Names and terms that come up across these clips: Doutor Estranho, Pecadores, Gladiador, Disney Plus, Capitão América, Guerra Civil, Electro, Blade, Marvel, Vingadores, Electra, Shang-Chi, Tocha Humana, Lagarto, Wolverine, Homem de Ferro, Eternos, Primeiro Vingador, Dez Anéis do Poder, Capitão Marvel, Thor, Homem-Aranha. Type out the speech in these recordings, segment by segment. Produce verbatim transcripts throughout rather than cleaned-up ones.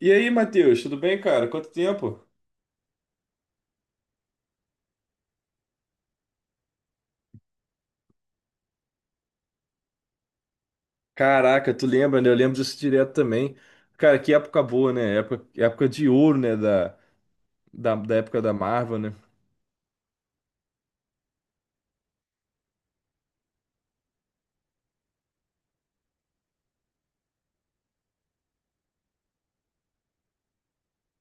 E aí, Matheus, tudo bem, cara? Quanto tempo? Caraca, tu lembra, né? Eu lembro disso direto também. Cara, que época boa, né? Época, época de ouro, né? Da, da, da época da Marvel, né?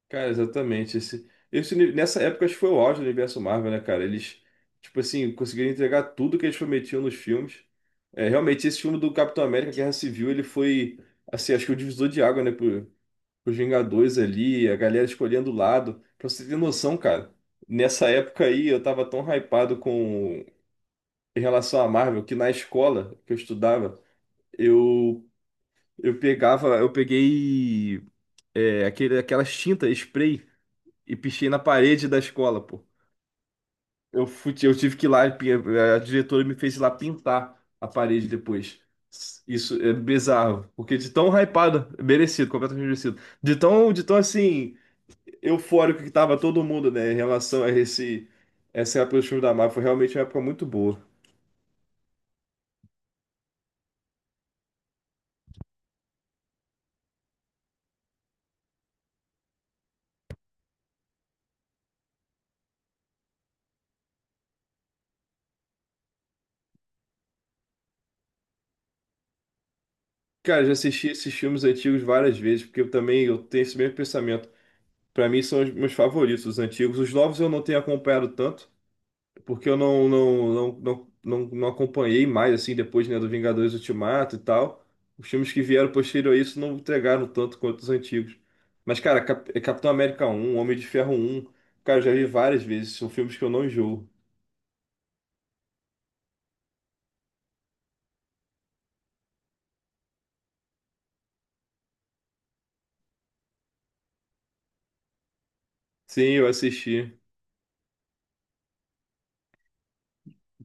Cara, exatamente. Esse, esse, uni- nessa época, acho que foi o auge do universo Marvel, né, cara? Eles, tipo assim, conseguiram entregar tudo que eles prometiam nos filmes. É, realmente, esse filme do Capitão América, Guerra Civil, ele foi, assim, acho que o divisor de água, né? Os Vingadores ali, a galera escolhendo o lado. Pra você ter noção, cara, nessa época aí eu tava tão hypado com em relação à Marvel, que na escola que eu estudava, eu eu pegava, eu peguei, é, aquele, aquelas tinta spray, e pichei na parede da escola, pô. Eu fui, eu tive que ir lá, e pin- a diretora me fez ir lá pintar a parede depois. Isso é bizarro, porque de tão hypado, merecido, completamente merecido. De tão, de tão assim, eufórico que tava todo mundo, né, em relação a esse essa época dos filmes da Marvel. Foi realmente uma época muito boa. Cara, eu já assisti esses filmes antigos várias vezes, porque eu também eu tenho esse mesmo pensamento. Pra mim são os meus favoritos, os antigos. Os novos eu não tenho acompanhado tanto, porque eu não não não não, não, não acompanhei mais assim depois, né, do Vingadores Ultimato e tal. Os filmes que vieram posterior a isso não entregaram tanto quanto os antigos. Mas, cara, Cap- é Capitão América um, Homem de Ferro um, cara, eu já vi várias vezes. São filmes que eu não enjoo. Sim, eu assisti.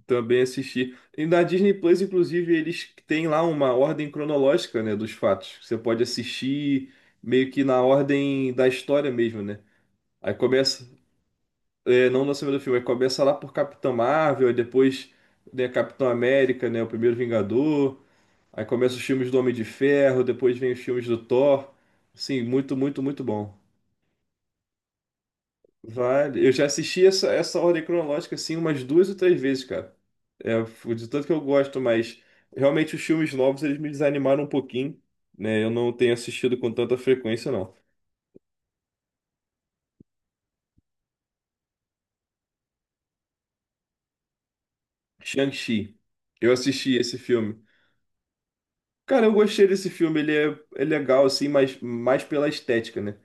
Também assisti. E na Disney Plus, inclusive, eles têm lá uma ordem cronológica, né, dos fatos. Você pode assistir meio que na ordem da história mesmo, né? Aí começa, é, não na semana do filme, aí começa lá por Capitão Marvel, aí depois, né, Capitão América, né, o Primeiro Vingador. Aí começa os filmes do Homem de Ferro, depois vem os filmes do Thor. Sim, muito, muito, muito bom. Vale. Eu já assisti essa, essa ordem cronológica assim umas duas ou três vezes, cara. É, f- de tanto que eu gosto, mas realmente os filmes novos eles me desanimaram um pouquinho, né? Eu não tenho assistido com tanta frequência, não. Shang-Chi. Eu assisti esse filme. Cara, eu gostei desse filme. Ele é, é legal, assim, mas mais pela estética, né?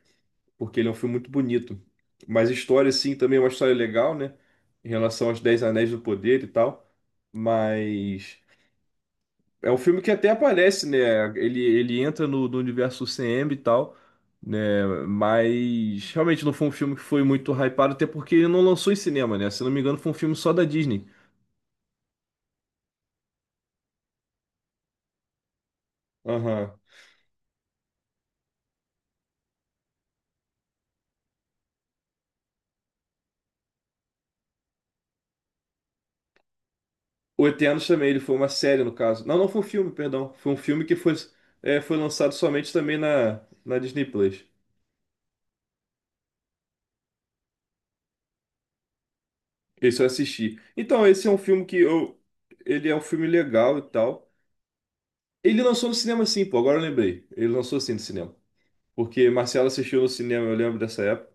Porque ele é um filme muito bonito. Mas a história, assim, também é uma história legal, né? Em relação aos Dez Anéis do Poder e tal. Mas. É um filme que até aparece, né? Ele, ele entra no, no universo C M e tal, né? Mas realmente não foi um filme que foi muito hypado, até porque ele não lançou em cinema, né? Se não me engano, foi um filme só da Disney. Aham. O Eternos também, ele foi uma série, no caso. Não, não foi um filme, perdão. Foi um filme que foi, é, foi lançado somente também na, na Disney Plus. Esse eu assisti. Então, esse é um filme que eu. Ele é um filme legal e tal. Ele lançou no cinema sim, pô, agora eu lembrei. Ele lançou sim no cinema, porque Marcelo assistiu no cinema, eu lembro dessa época.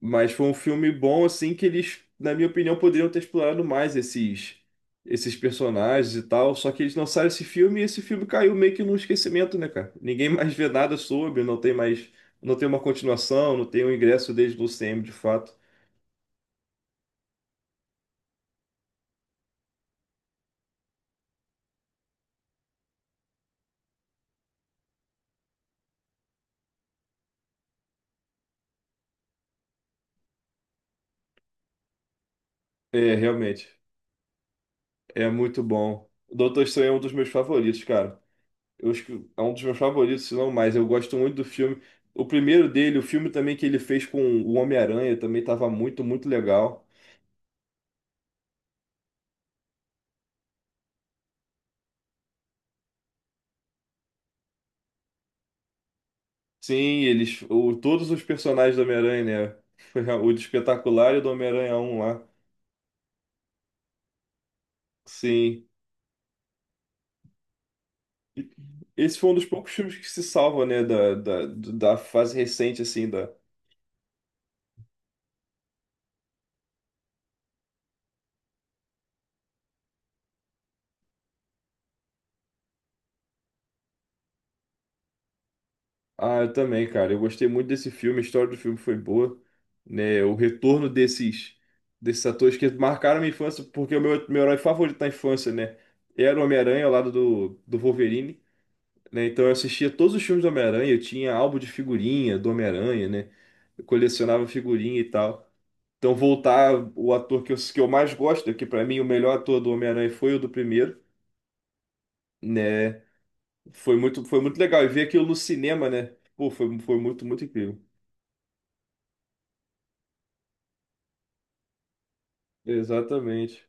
Mas foi um filme bom, assim, que eles, na minha opinião, poderiam ter explorado mais esses, esses personagens e tal. Só que eles lançaram esse filme e esse filme caiu meio que no esquecimento, né, cara? Ninguém mais vê nada sobre, não tem mais, não tem uma continuação, não tem um ingresso deles no C M de fato. É, realmente, é muito bom. Doutor Estranho é um dos meus favoritos, cara. Eu acho que é um dos meus favoritos, se não mais. Eu gosto muito do filme. O primeiro dele, o filme também que ele fez com o Homem-Aranha, também estava muito, muito legal. Sim, eles, o, todos os personagens do Homem-Aranha, né? Foi a- O do Espetacular e o do Homem-Aranha um lá. Sim. E esse foi um dos poucos filmes que se salva, né, da, da, da fase recente, assim. Ah, eu também, cara. Eu gostei muito desse filme, a história do filme foi boa, né? O retorno desses desses atores que marcaram minha infância, porque o meu, meu herói favorito na infância, né? Era o Homem-Aranha ao lado do, do Wolverine, né? Então eu assistia todos os filmes do Homem-Aranha, eu tinha álbum de figurinha do Homem-Aranha, né? Eu colecionava figurinha e tal. Então voltar o ator que eu, que eu mais gosto, que pra mim o melhor ator do Homem-Aranha foi o do primeiro, né? Foi muito, foi muito legal. E ver aquilo no cinema, né? Pô, foi, foi muito, muito incrível. Exatamente.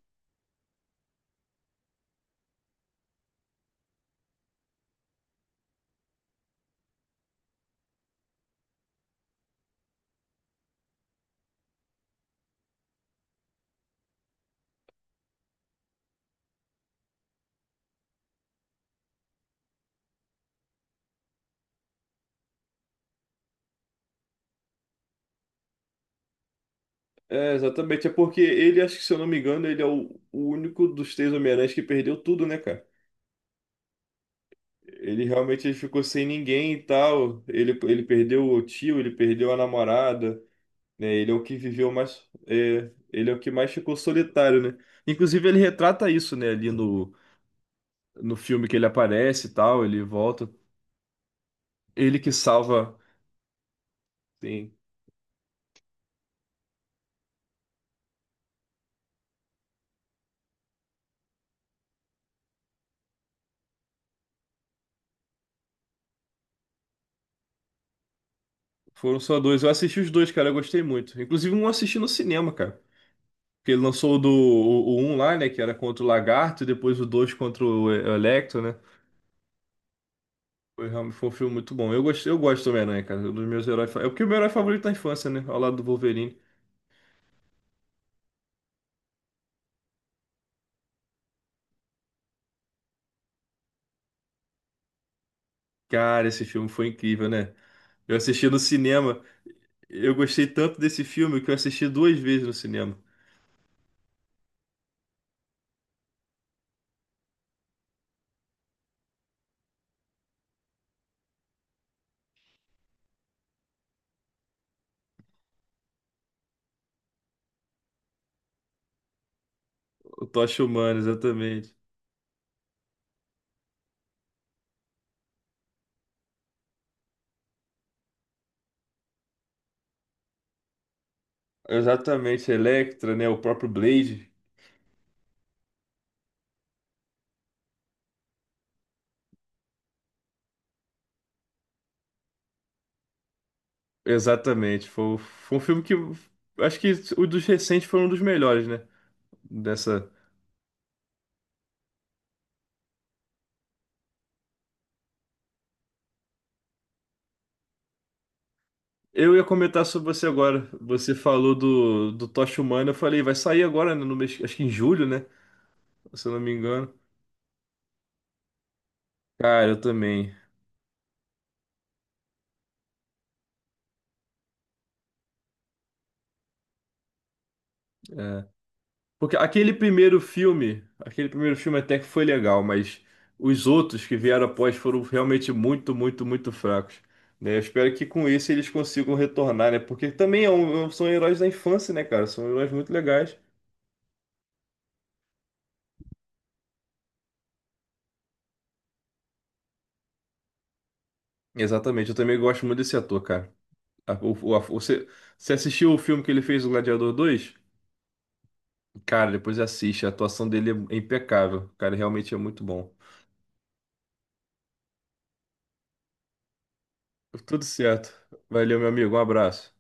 É, exatamente. É porque ele, acho que se eu não me engano, ele é o, o único dos três Homem-Aranhas que perdeu tudo, né, cara? Ele realmente ele ficou sem ninguém e tal. Ele, ele perdeu o tio, ele perdeu a namorada, né? Ele é o que viveu mais. É, ele é o que mais ficou solitário, né? Inclusive, ele retrata isso, né, ali no, no filme que ele aparece e tal, ele volta. Ele que salva. Sim. Foram só dois. Eu assisti os dois, cara. Eu gostei muito. Inclusive, um eu assisti no cinema, cara. Porque ele lançou o do o, o um lá, né? Que era contra o Lagarto, e depois o dois contra o E- o Electro, né? Foi realmente, foi um filme muito bom. Eu gosto eu gosto do Homem-Aranha, cara. É um dos meus heróis. fa- É porque o meu herói favorito da infância, né? Ao lado do Wolverine. Cara, esse filme foi incrível, né? Eu assisti no cinema. Eu gostei tanto desse filme que eu assisti duas vezes no cinema. O Tocha Humana, exatamente. Exatamente, Electra, né? O próprio Blade. Exatamente. Foi, foi um filme que eu. Acho que o dos recentes foi um dos melhores, né? Dessa. Eu ia comentar sobre você agora. Você falou do, do Tocha Humana. Eu falei, vai sair agora, né, no mês, acho que em julho, né? Se eu não me engano. Cara, eu também. É. Porque aquele primeiro filme, aquele primeiro filme até que foi legal, mas os outros que vieram após foram realmente muito, muito, muito fracos. Né? Eu espero que com esse eles consigam retornar, né? Porque também é um- são heróis da infância, né, cara? São heróis muito legais. Exatamente, eu também gosto muito desse ator, cara. A- o- o- a- você, você assistiu o filme que ele fez, o Gladiador dois? Cara, depois assiste. A atuação dele é impecável. O cara realmente é muito bom. Tudo certo. Valeu, meu amigo. Um abraço.